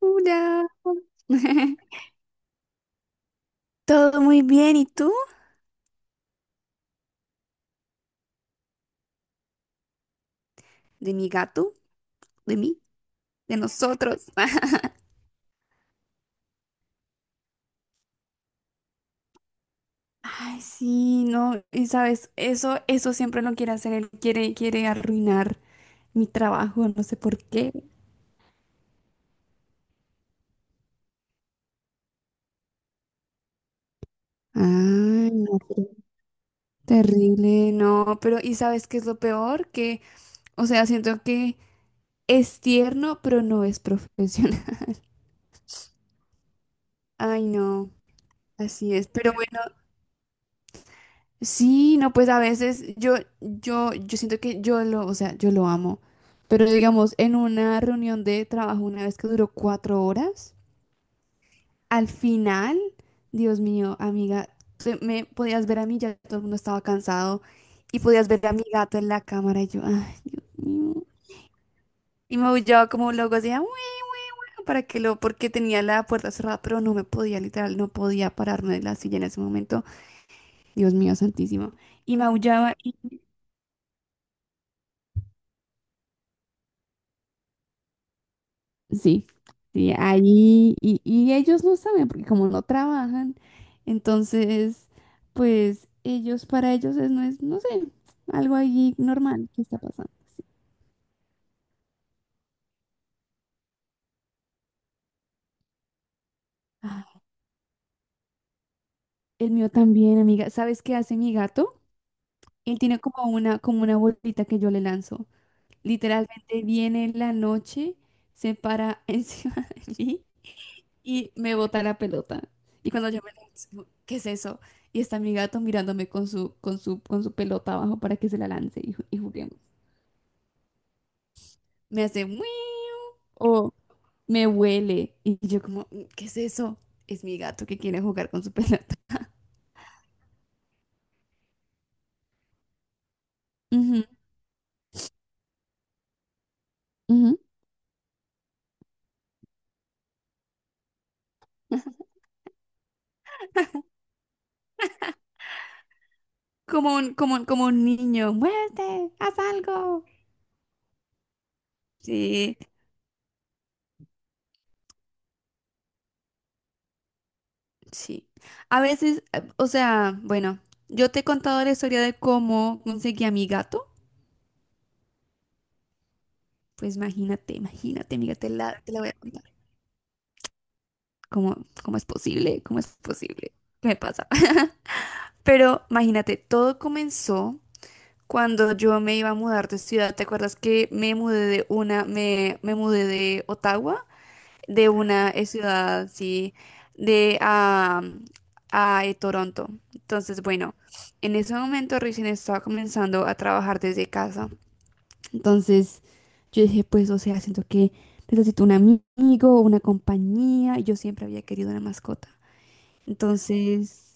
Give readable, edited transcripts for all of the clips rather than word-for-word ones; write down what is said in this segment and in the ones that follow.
Hola. Todo muy bien, ¿y tú? ¿De mi gato? ¿De mí? ¿De nosotros? Ay, sí, no, y sabes, eso siempre lo quiere hacer, él quiere arruinar mi trabajo, no sé por qué. Ay, no, terrible, no, pero ¿y sabes qué es lo peor? Que, o sea, siento que es tierno, pero no es profesional. Ay, no, así es, pero bueno. Sí, no, pues a veces yo siento que o sea, yo lo amo. Pero digamos, en una reunión de trabajo, una vez que duró 4 horas, al final, Dios mío, amiga, me podías ver a mí, ya todo el mundo estaba cansado, y podías ver a mi gato en la cámara, y yo, ay, Dios mío. Y me aullaba como loco, decía, bueno, porque tenía la puerta cerrada, pero literal, no podía pararme de la silla en ese momento. Dios mío, santísimo. Y maullaba. Sí, sí, ahí, y ellos no saben, porque como no trabajan, entonces, para ellos es, no sé, algo ahí normal que está pasando. Ah, el mío también, amiga. ¿Sabes qué hace mi gato? Él tiene como una, bolita que yo le lanzo. Literalmente viene en la noche, se para encima de mí y me bota la pelota. Y cuando yo me lanzo, digo, ¿qué es eso? Y está mi gato mirándome con su pelota abajo para que se la lance y juguemos. Me hace muy o me huele. Y yo como, "Mm, ¿qué es eso? Es mi gato que quiere jugar con su pelota." Ujú, ujú. Como un niño, muévete, haz algo. Sí, sí. A veces, o sea, bueno, yo te he contado la historia de cómo conseguí a mi gato. Pues imagínate, imagínate, amiga, te la voy a contar. ¿Cómo, cómo es posible? ¿Cómo es posible? ¿Qué me pasa? Pero imagínate, todo comenzó cuando yo me iba a mudar de ciudad. ¿Te acuerdas que me mudé de Ottawa, de una ciudad, sí, de a, a Toronto? Entonces, bueno, en ese momento recién estaba comenzando a trabajar desde casa. Entonces yo dije, pues, o sea, siento que necesito un amigo, una compañía, y yo siempre había querido una mascota. Entonces,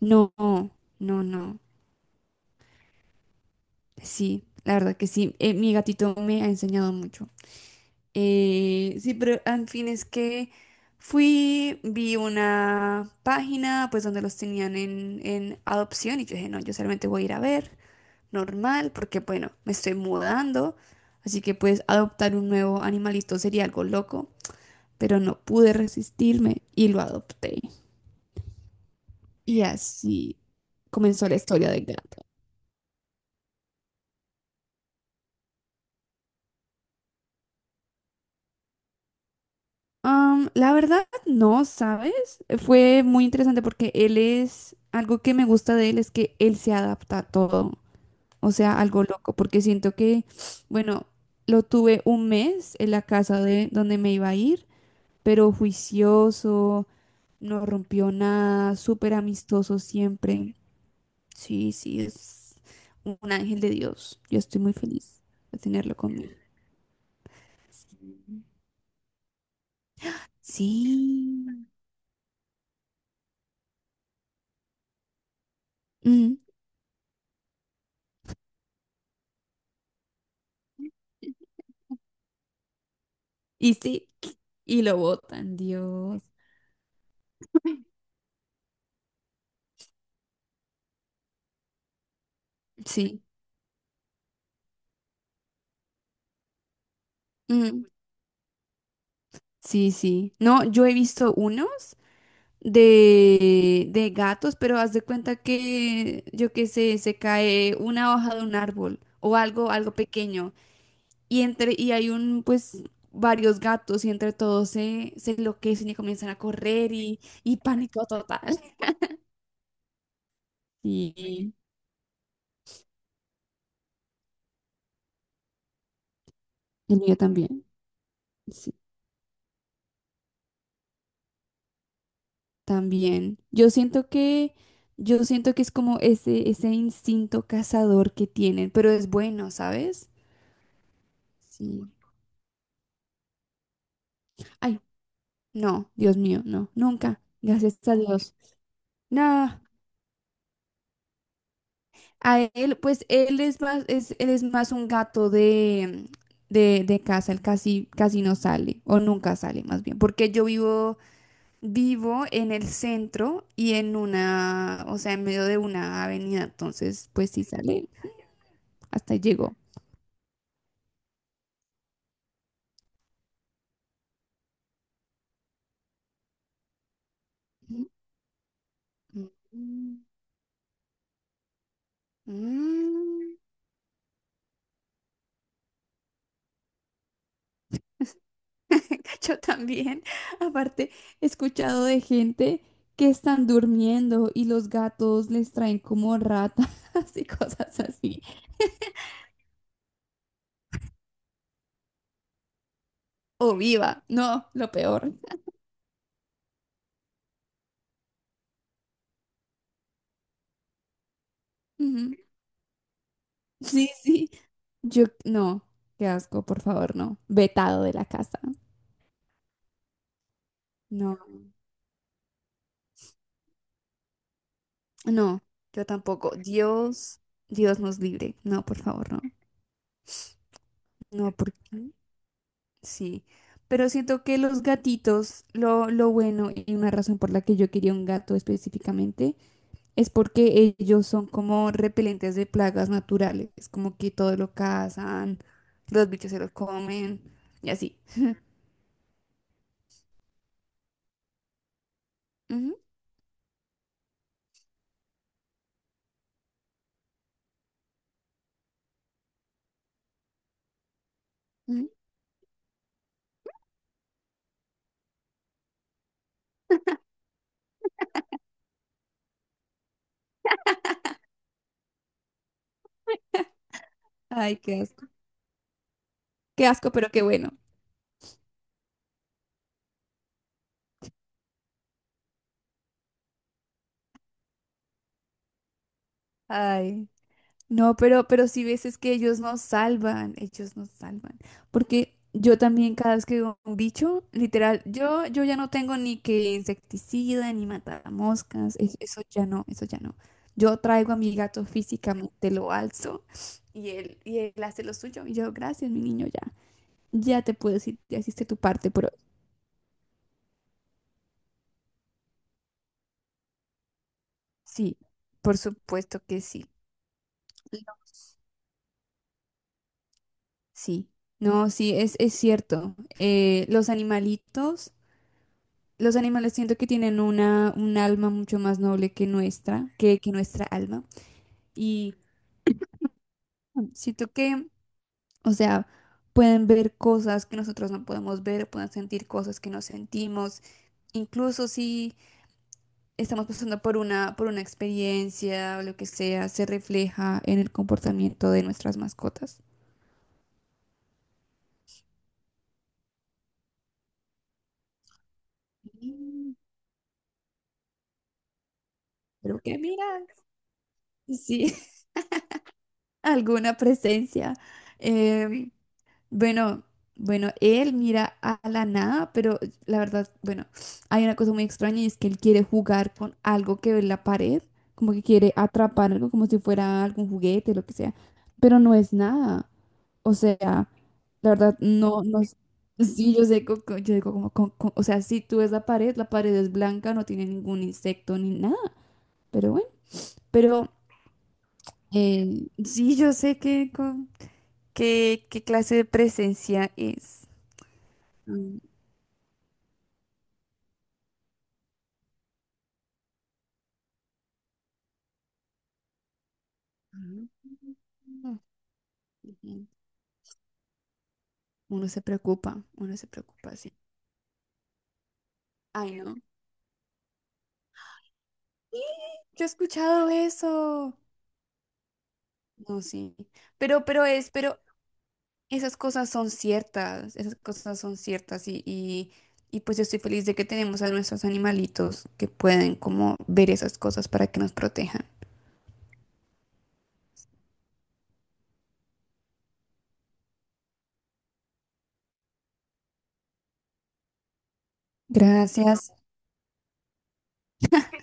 no, no, no. Sí, la verdad que sí. Mi gatito me ha enseñado mucho. Sí, pero en fin, es que fui, vi una página, pues, donde los tenían en, adopción y yo dije, no, yo solamente voy a ir a ver, normal, porque bueno, me estoy mudando, así que pues adoptar un nuevo animalito sería algo loco, pero no pude resistirme y lo adopté. Y así comenzó la historia del gato. La verdad, no, ¿sabes? Fue muy interesante porque algo que me gusta de él es que él se adapta a todo, o sea, algo loco, porque siento que, bueno, lo tuve un mes en la casa de donde me iba a ir, pero juicioso. No rompió nada, súper amistoso siempre. Sí, sí, es un ángel de Dios. Yo estoy muy feliz de tenerlo conmigo. Sí. Mm. Y sí, y lo botan, Dios. Sí. Mm. Sí, sí. No, yo he visto unos de gatos, pero haz de cuenta que, yo qué sé, se cae una hoja de un árbol o algo, algo pequeño. Y hay pues, varios gatos, y entre todos se enloquecen y comienzan a correr y pánico total. Y el mío también. Sí, también. Yo siento que es como ese, instinto cazador que tienen, pero es bueno, ¿sabes? Sí. Ay, no, Dios mío, no, nunca. Gracias a Dios. No. A él, pues él es más un gato de casa, él casi, casi no sale, o nunca sale más bien, porque yo vivo en el centro y en una, o sea, en medio de una avenida, entonces, pues sí sale, hasta ahí llegó. Mm, mm. Yo también, aparte, he escuchado de gente que están durmiendo y los gatos les traen como ratas y cosas así. O viva. No, lo peor. Ujú. Sí, sí. Yo, no, qué asco, por favor, no. Vetado de la casa. No, no, yo tampoco. Dios, Dios nos libre. No, por favor, no. No, porque sí. Pero siento que los gatitos, lo bueno y una razón por la que yo quería un gato específicamente, es porque ellos son como repelentes de plagas naturales. Es como que todo lo cazan, los bichos se los comen y así. Ujú. Ay, qué asco. Qué asco, pero qué bueno. Ay, no, pero sí ves es que ellos nos salvan, ellos nos salvan. Porque yo también cada vez que veo un bicho, literal, yo ya no tengo ni que insecticida, ni matamoscas, eso ya no, eso ya no. Yo traigo a mi gato físicamente, lo alzo y él hace lo suyo. Y yo, gracias, mi niño, ya te puedo decir, ya hiciste tu parte, pero sí, por supuesto que sí. Sí, no, sí, es cierto. Los animalitos, los animales siento que tienen una, un alma mucho más noble que nuestra alma. Y siento que, o sea, pueden ver cosas que nosotros no podemos ver, pueden sentir cosas que no sentimos. Incluso si estamos pasando por una experiencia o lo que sea, se refleja en el comportamiento de nuestras mascotas. Mm. Pero que mira, sí. Alguna presencia. Em, bueno, bueno, él mira a la nada, pero la verdad, bueno, hay una cosa muy extraña y es que él quiere jugar con algo que ve en la pared, como que quiere atrapar algo como si fuera algún juguete, lo que sea, pero no es nada. O sea, la verdad, no, no. Sí, yo sé, yo digo como, o sea, si tú ves la pared es blanca, no tiene ningún insecto ni nada, pero bueno, pero sí, yo sé que, qué clase de presencia es? Mm. Ujú. Mm. Ujú. Uno se preocupa, sí. Ay, no. Yo he escuchado eso. No, sí. Pero esas cosas son ciertas, esas cosas son ciertas y pues yo estoy feliz de que tenemos a nuestros animalitos que pueden como ver esas cosas para que nos protejan. Gracias.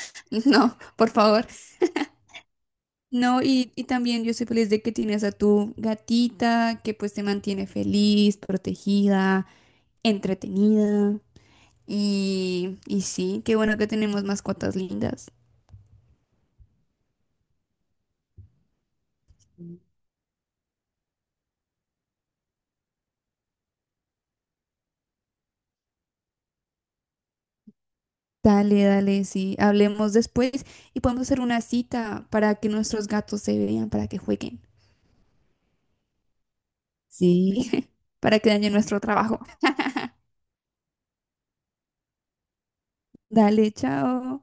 No, por favor. No, y también yo soy feliz de que tienes a tu gatita que pues te mantiene feliz, protegida, entretenida. Y sí, qué bueno que tenemos mascotas lindas. Dale, dale, sí. Hablemos después y podemos hacer una cita para que nuestros gatos se vean, para que jueguen. Sí, para que dañen nuestro trabajo. Dale, chao.